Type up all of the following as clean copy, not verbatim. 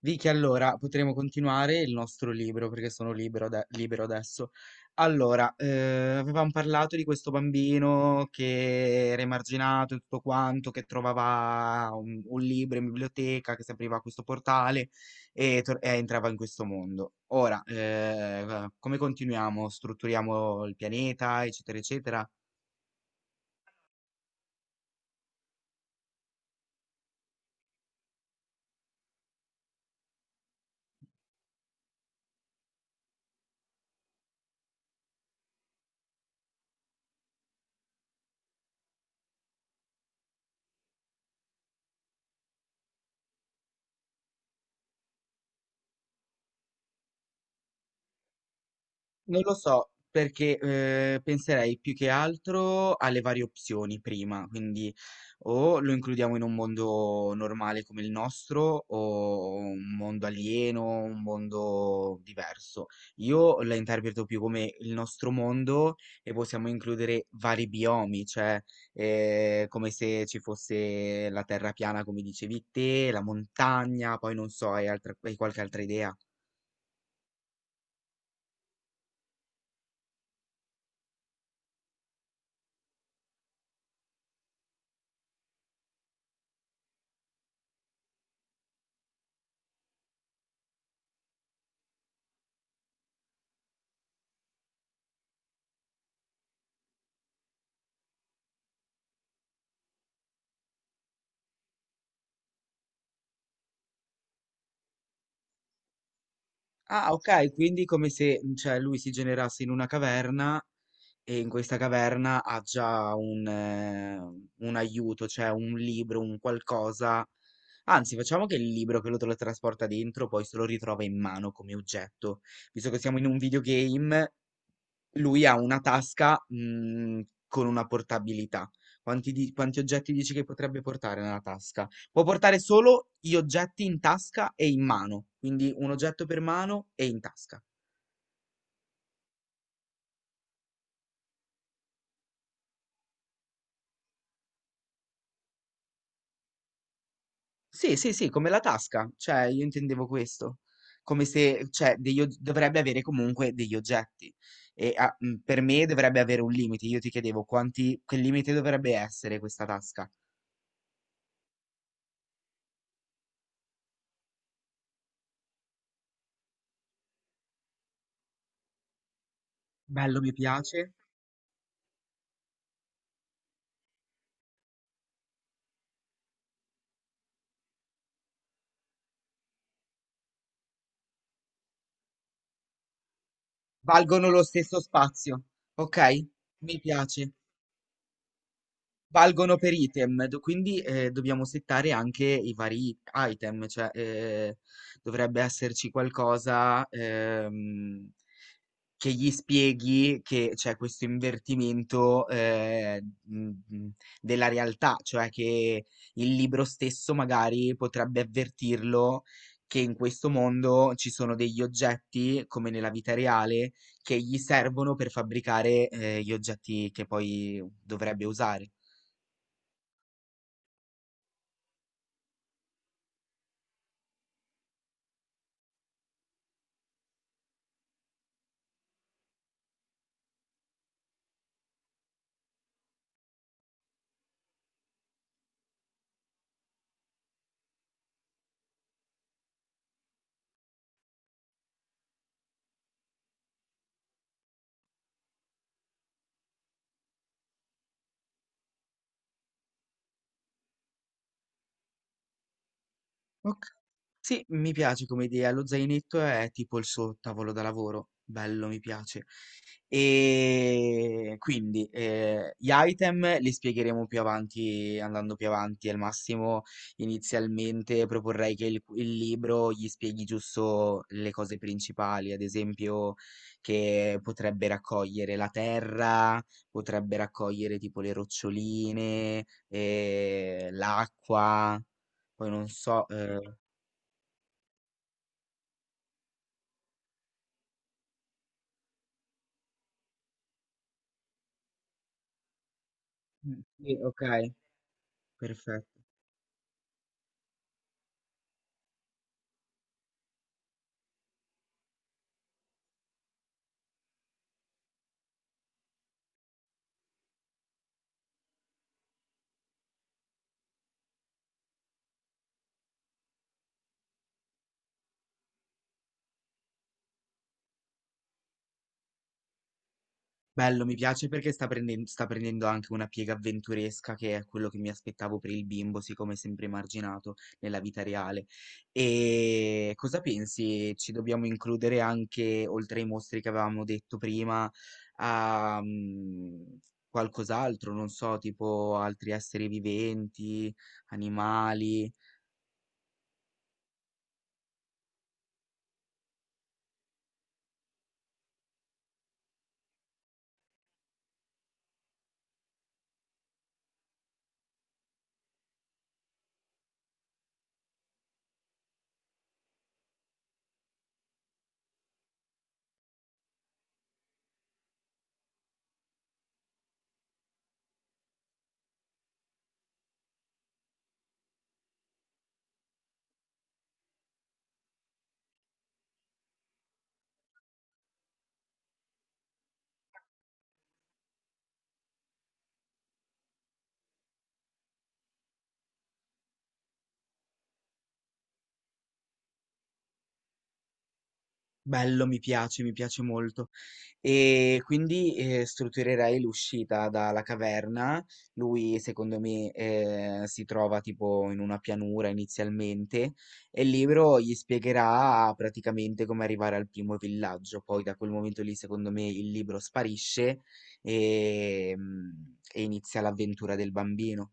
Vicky, allora potremo continuare il nostro libro perché sono libero, libero adesso. Allora, avevamo parlato di questo bambino che era emarginato e tutto quanto, che trovava un libro in biblioteca, che si apriva questo portale e, e entrava in questo mondo. Ora, come continuiamo? Strutturiamo il pianeta, eccetera, eccetera. Non lo so, perché penserei più che altro alle varie opzioni prima, quindi o lo includiamo in un mondo normale come il nostro, o un mondo alieno, un mondo diverso. Io la interpreto più come il nostro mondo e possiamo includere vari biomi, cioè come se ci fosse la terra piana, come dicevi te, la montagna, poi non so, hai qualche altra idea? Ah, ok, quindi come se, mm, cioè, lui si generasse in una caverna e in questa caverna ha già un aiuto, cioè un libro, un qualcosa. Anzi, facciamo che il libro che lo trasporta dentro poi se lo ritrova in mano come oggetto. Visto che siamo in un videogame, lui ha una tasca, con una portabilità. Quanti di quanti oggetti dici che potrebbe portare nella tasca? Può portare solo gli oggetti in tasca e in mano, quindi 1 oggetto per mano e in tasca. Sì, sì, sì, come la tasca, cioè io intendevo questo. Come se cioè degli og dovrebbe avere comunque degli oggetti e a per me dovrebbe avere un limite. Io ti chiedevo quanti che limite dovrebbe essere questa tasca. Bello, mi piace. Valgono lo stesso spazio, ok? Mi piace valgono per item, quindi dobbiamo settare anche i vari item, cioè dovrebbe esserci qualcosa che gli spieghi che c'è questo invertimento della realtà, cioè che il libro stesso magari potrebbe avvertirlo che in questo mondo ci sono degli oggetti, come nella vita reale, che gli servono per fabbricare gli oggetti che poi dovrebbe usare. Oka sì, mi piace come idea. Lo zainetto è tipo il sottavolo da lavoro. Bello, mi piace. E quindi gli item li spiegheremo più avanti, andando più avanti. Al massimo, inizialmente proporrei che il libro gli spieghi giusto le cose principali, ad esempio che potrebbe raccogliere la terra, potrebbe raccogliere tipo le roccioline, l'acqua. Poi non so, mm, sì, ok, perfetto. Bello, mi piace perché sta prendendo anche una piega avventuresca che è quello che mi aspettavo per il bimbo, siccome è sempre emarginato nella vita reale. E cosa pensi? Ci dobbiamo includere anche, oltre ai mostri che avevamo detto prima, a mm, qualcos'altro, non so, tipo altri esseri viventi, animali. Bello, mi piace molto. E quindi strutturerei l'uscita dalla caverna. Lui, secondo me, si trova tipo in una pianura inizialmente e il libro gli spiegherà praticamente come arrivare al primo villaggio. Poi da quel momento lì, secondo me, il libro sparisce e, mm, e inizia l'avventura del bambino.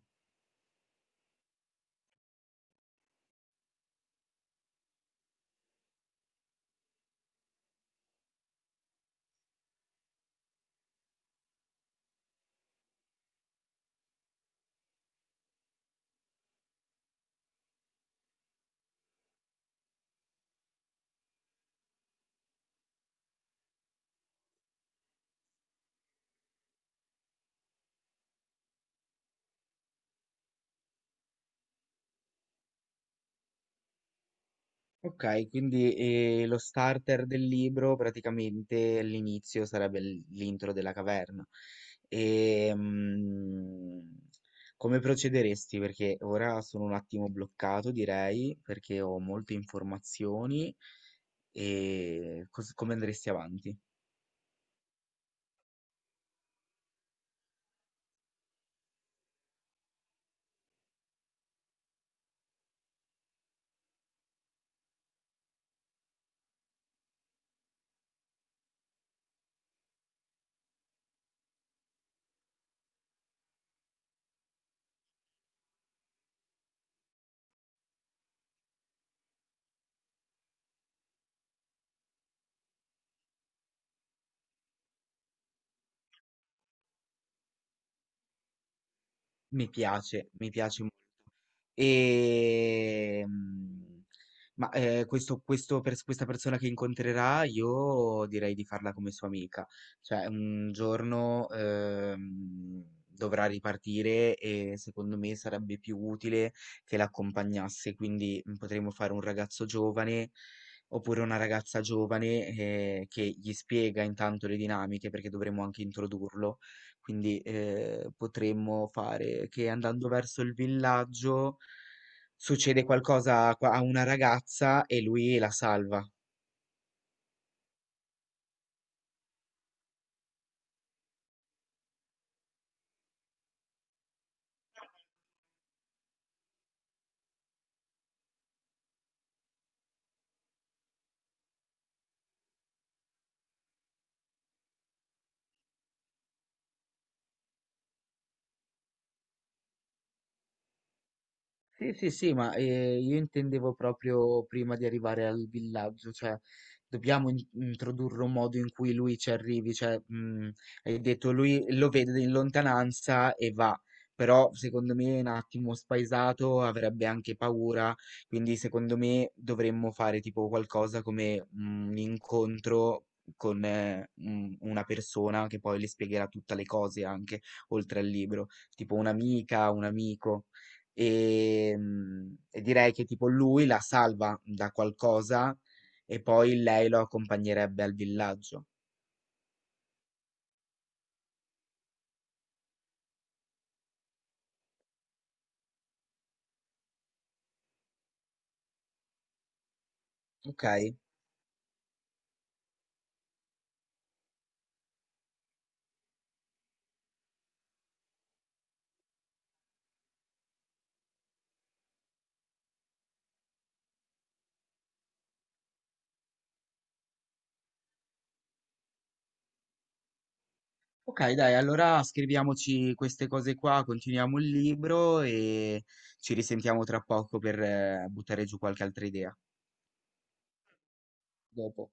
Okay, quindi, lo starter del libro praticamente all'inizio sarebbe l'intro della caverna. Ehm, come procederesti? Perché ora sono un attimo bloccato direi, perché ho molte informazioni. Cos come andresti avanti? Mi piace molto. Ehm, questo questa persona che incontrerà, io direi di farla come sua amica. Cioè, un giorno dovrà ripartire e secondo me sarebbe più utile che l'accompagnasse. Quindi mm, potremmo fare un ragazzo giovane oppure una ragazza giovane che gli spiega intanto le dinamiche perché dovremmo anche introdurlo quindi potremmo fare che andando verso il villaggio succede qualcosa a a una ragazza e lui la salva. Sì, sì, sì, io intendevo proprio prima di arrivare al villaggio, cioè dobbiamo introdurre un modo in cui lui ci arrivi, cioè hai detto lui lo vede in lontananza e va, però secondo me è un attimo spaesato, avrebbe anche paura, quindi secondo me dovremmo fare tipo qualcosa come un incontro con una persona che poi le spiegherà tutte le cose anche oltre al libro, tipo un'amica, un amico. E direi che tipo lui la salva da qualcosa e poi lei lo accompagnerebbe al villaggio. Ok? Ok, dai, allora scriviamoci queste cose qua, continuiamo il libro e ci risentiamo tra poco per buttare giù qualche altra idea. Dopo.